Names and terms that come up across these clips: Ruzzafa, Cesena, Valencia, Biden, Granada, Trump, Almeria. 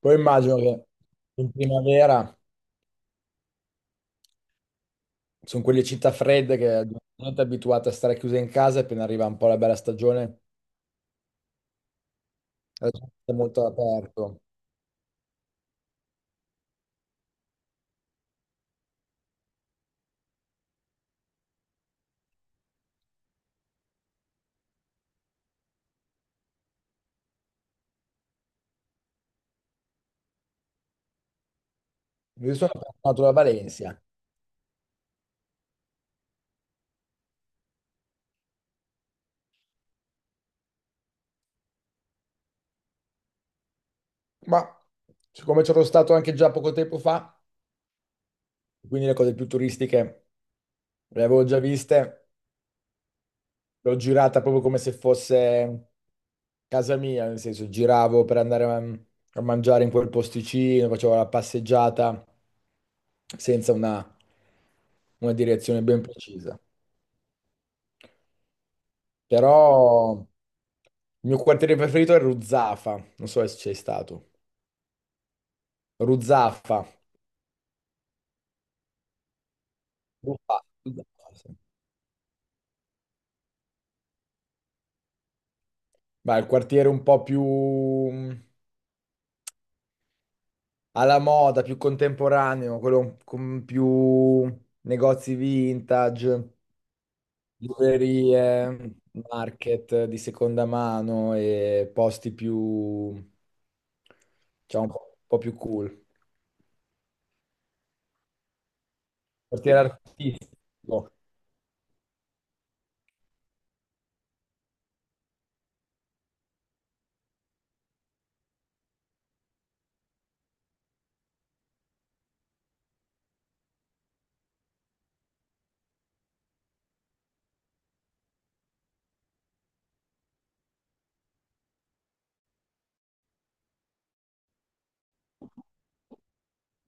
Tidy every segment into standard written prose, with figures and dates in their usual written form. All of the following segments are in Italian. Poi immagino che in primavera sono quelle città fredde che non è abituate a stare chiuse in casa e appena arriva un po' la bella stagione la gente è molto aperto. Io sono tornato da Valencia, ma siccome c'ero stato anche già poco tempo fa, quindi le cose più turistiche le avevo già viste. L'ho girata proprio come se fosse casa mia, nel senso giravo per andare a, a mangiare in quel posticino, facevo la passeggiata senza una, una direzione ben precisa. Però il mio quartiere preferito è Ruzzafa, non so se c'è stato. Ruzzafa. Ruzzafa, sì. Beh, il quartiere un po' più alla moda, più contemporaneo, quello con più negozi vintage. Librerie, market di seconda mano e posti più, diciamo, un po' più cool. Quartiere artistico.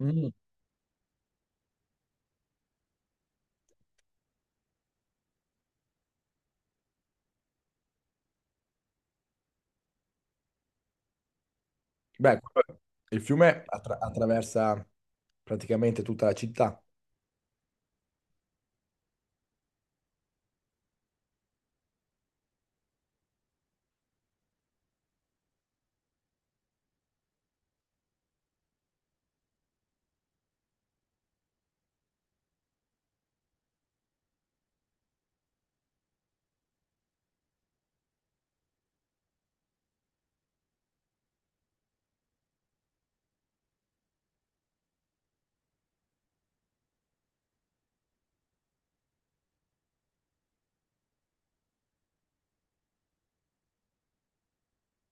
Mm. Beh, il fiume attraversa praticamente tutta la città.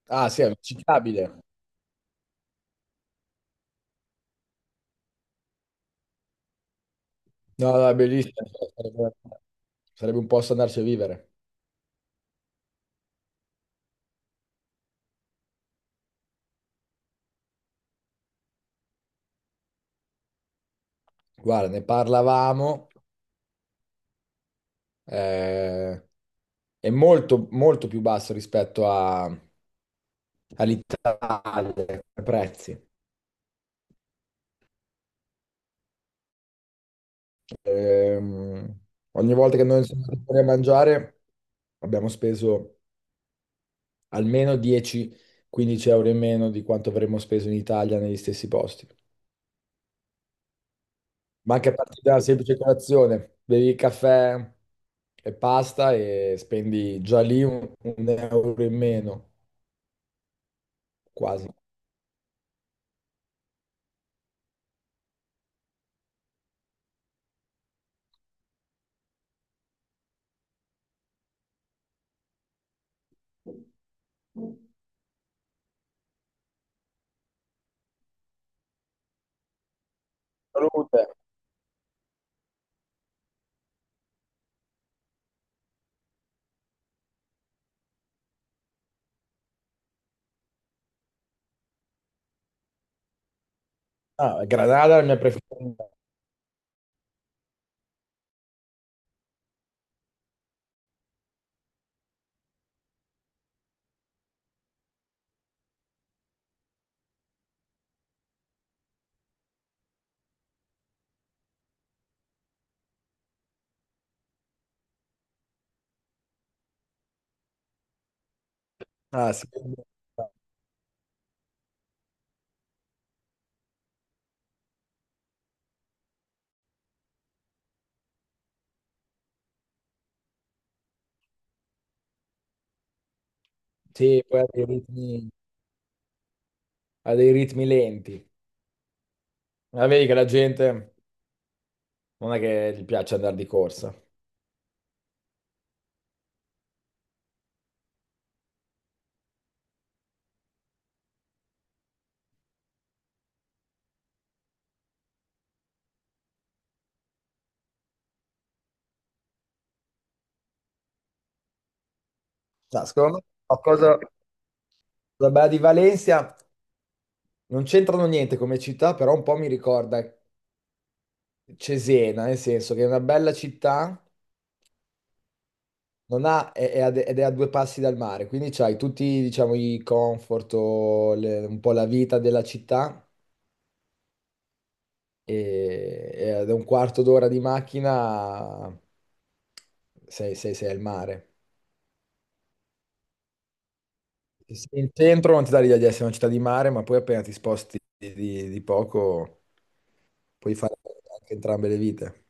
Ah, sì, è visitabile. No, no, è bellissimo. Sarebbe, sarebbe un posto andarci a vivere. Guarda, ne parlavamo. eh, è molto, molto più basso all'Italia, come prezzi. Ehm, Ogni volta che noi siamo andati fuori a mangiare abbiamo speso almeno 10-15 euro in meno di quanto avremmo speso in Italia negli stessi posti. Ma anche a partire da una semplice colazione, bevi il caffè e pasta e spendi già lì un euro in meno, quasi. Salute. Ah, Granada è la mia preferita. Ah, sì. Sì, poi ha dei ritmi lenti. Ma vedi che la gente non è che gli piace andare di corsa. No, secondo me qualcosa la bella di Valencia non c'entrano niente come città, però un po' mi ricorda Cesena, nel senso che è una bella città, non ha- è a de- ed è a due passi dal mare, quindi c'hai tutti, diciamo, i comfort, un po' la vita della città e ad un quarto d'ora di macchina sei al mare. Sì, il centro non ti dà l'idea di essere una città di mare, ma poi appena ti sposti di poco puoi fare anche entrambe le vite.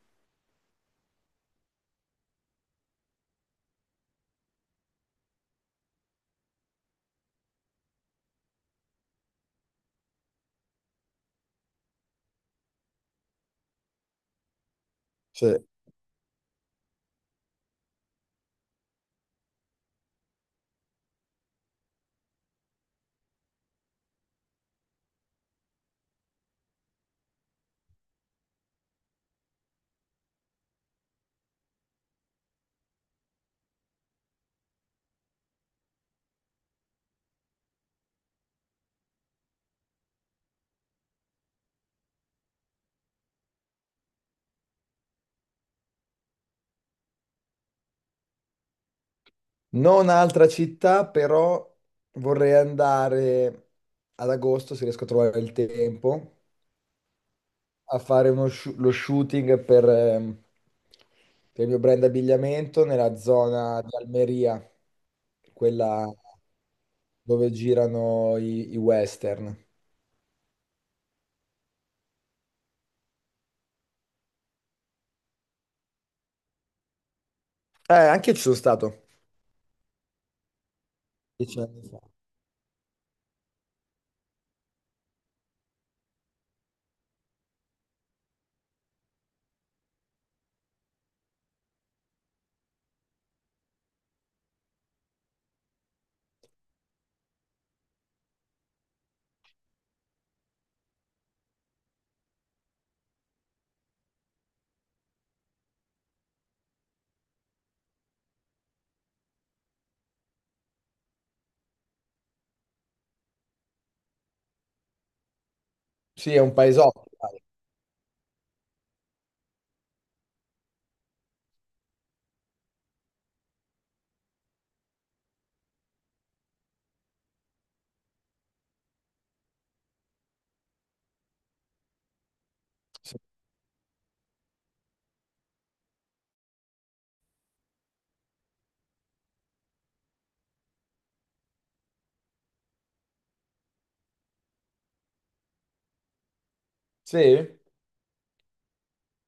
Cioè, non altra città, però vorrei andare ad agosto, se riesco a trovare il tempo, a fare lo shooting per il mio brand abbigliamento nella zona di Almeria, quella dove girano i western. Anche io ci sono stato. Dieci anni fa. Sì, è un paesotto, dai. Sì?